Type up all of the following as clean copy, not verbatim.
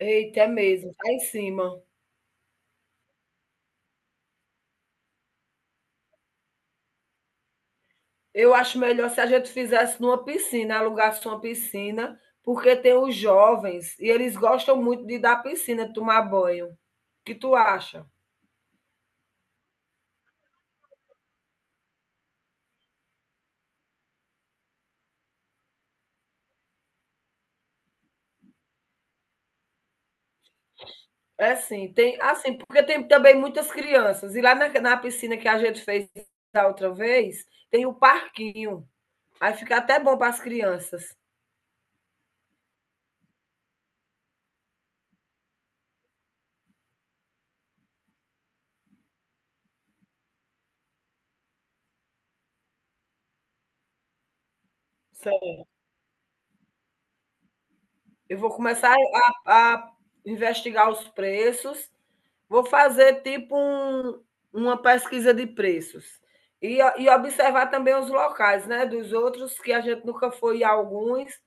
Eita, é mesmo, tá em cima. Eu acho melhor se a gente fizesse numa piscina, alugasse uma piscina, porque tem os jovens e eles gostam muito de ir da piscina, tomar banho. O que tu acha? É, sim, tem assim, porque tem também muitas crianças. E lá na piscina que a gente fez da outra vez, tem o parquinho. Aí fica até bom para as crianças. Certo. Eu vou começar a investigar os preços. Vou fazer tipo uma pesquisa de preços. E observar também os locais, né? Dos outros, que a gente nunca foi a alguns,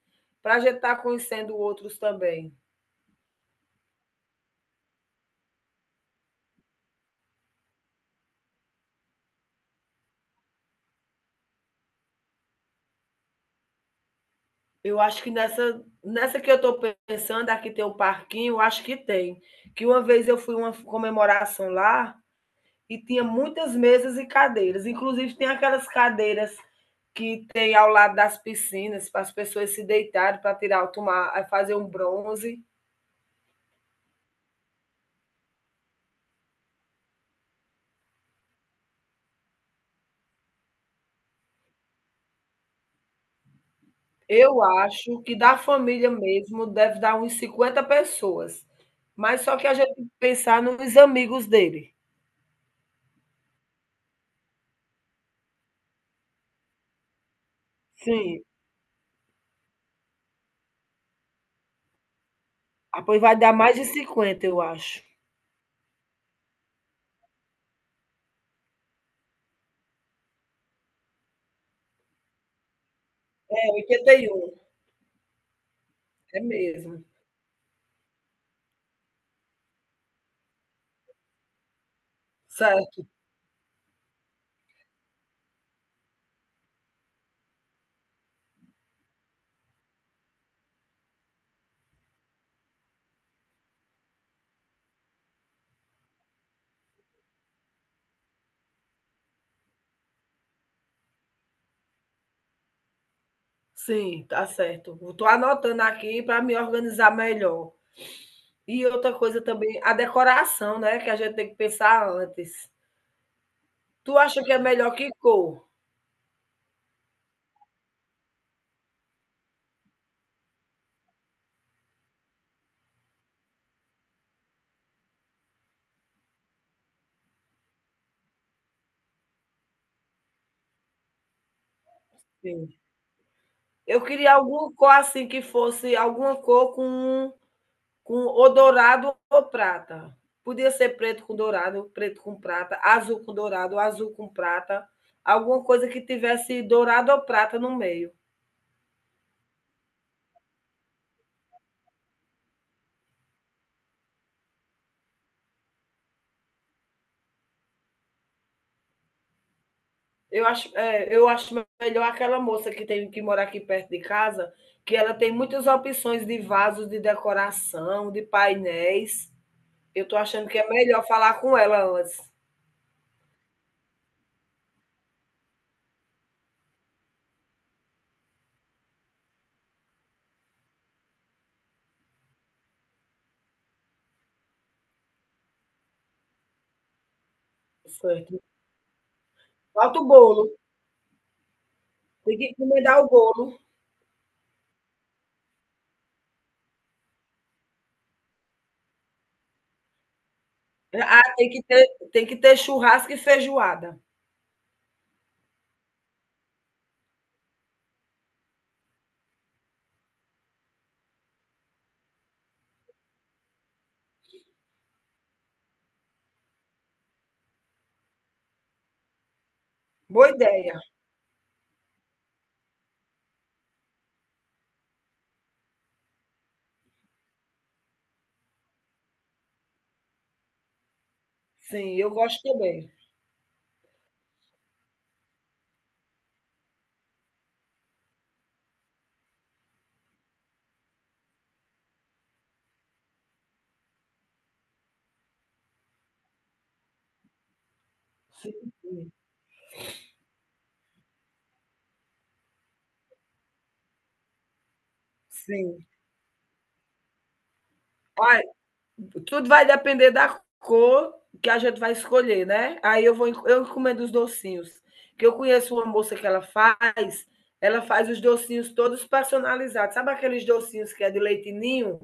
para a gente estar tá conhecendo outros também. Eu acho que nessa que eu estou pensando, aqui tem um parquinho, eu acho que tem. Que uma vez eu fui uma comemoração lá e tinha muitas mesas e cadeiras. Inclusive, tem aquelas cadeiras que tem ao lado das piscinas, para as pessoas se deitarem, para tirar, tomar, fazer um bronze. Eu acho que da família mesmo deve dar uns 50 pessoas, mas só que a gente tem que pensar nos amigos dele. Sim, ah, pois vai dar mais de 50, eu acho. É 81, é mesmo. Certo, sim, tá certo. Eu tô anotando aqui para me organizar melhor. E outra coisa também, a decoração, né, que a gente tem que pensar antes. Tu acha que é melhor que cor? Sim. Eu queria alguma cor, assim, que fosse alguma cor com ou dourado ou prata. Podia ser preto com dourado, preto com prata, azul com dourado, azul com prata, alguma coisa que tivesse dourado ou prata no meio. Eu acho melhor aquela moça que tem que morar aqui perto de casa, que ela tem muitas opções de vasos de decoração, de painéis. Eu estou achando que é melhor falar com ela antes. Certo. Falta o bolo. Tem que encomendar o bolo. Ah, tem que ter churrasco e feijoada. Boa ideia. Sim, eu gosto também. Sim, sim. Ai, tudo vai depender da cor que a gente vai escolher, né? Aí eu encomendo os docinhos. Que eu conheço uma moça que ela faz os docinhos todos personalizados. Sabe aqueles docinhos que é de leite ninho?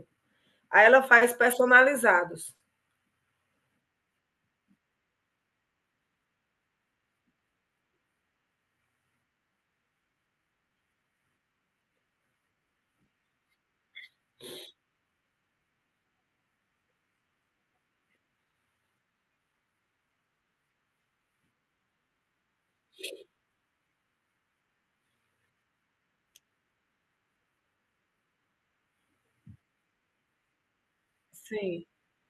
Aí ela faz personalizados. Sim.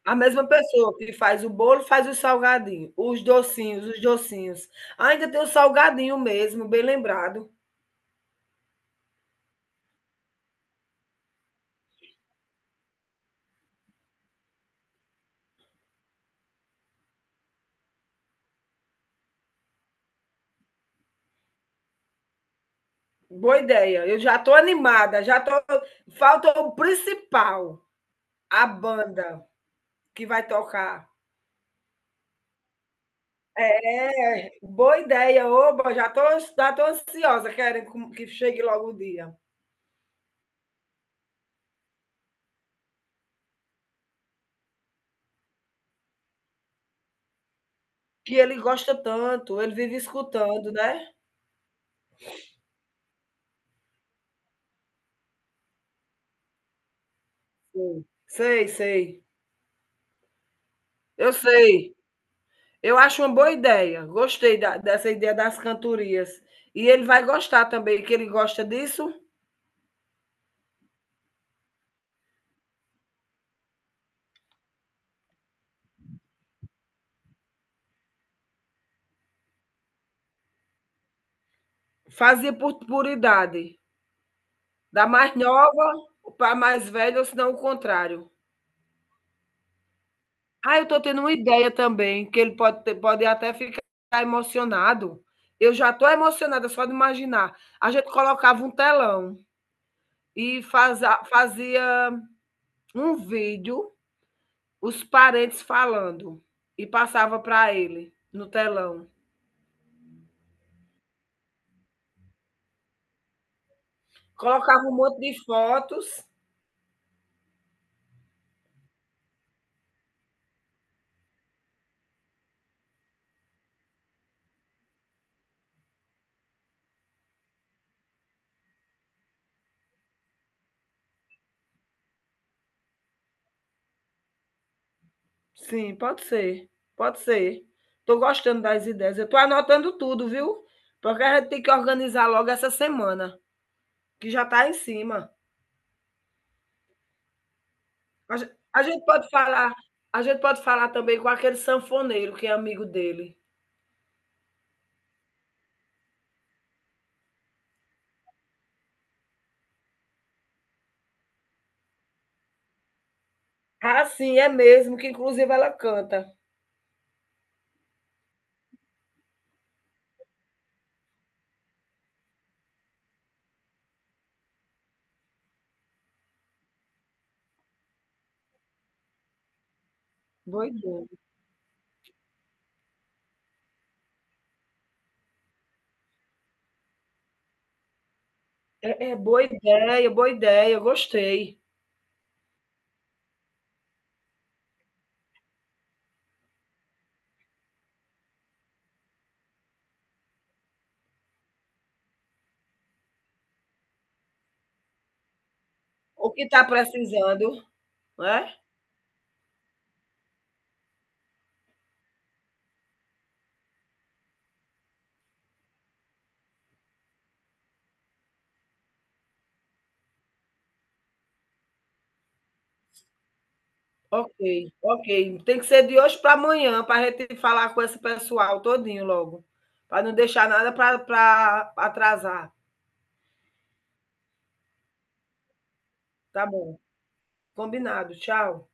A mesma pessoa que faz o bolo, faz o salgadinho, os docinhos, os docinhos. Ainda tem o salgadinho mesmo, bem lembrado. Boa ideia. Eu já estou animada, já tô. Falta o principal, a banda que vai tocar. É, boa ideia, oba, já tô ansiosa, querem que chegue logo o dia. Que ele gosta tanto, ele vive escutando, né? Sim. Sei, sei. Eu sei. Eu acho uma boa ideia. Gostei dessa ideia das cantorias. E ele vai gostar também, que ele gosta disso. Fazia por idade. Da mais nova para a mais velha, ou se não o contrário. Ah, eu estou tendo uma ideia também, que ele pode até ficar emocionado. Eu já estou emocionada só de imaginar. A gente colocava um telão e fazia um vídeo, os parentes falando, e passava para ele no telão. Colocava um monte de fotos. Sim, pode ser, pode ser. Tô gostando das ideias. Eu tô anotando tudo, viu? Porque a gente tem que organizar logo essa semana, que já tá em cima. A gente pode falar, também com aquele sanfoneiro que é amigo dele. Ah, sim, é mesmo, que inclusive ela canta. Boa ideia. É, é boa ideia, gostei. O que está precisando, né? Ok, ok. Tem que ser de hoje para amanhã, para a gente falar com esse pessoal todinho logo, para não deixar nada para atrasar. Tá bom, combinado. Tchau.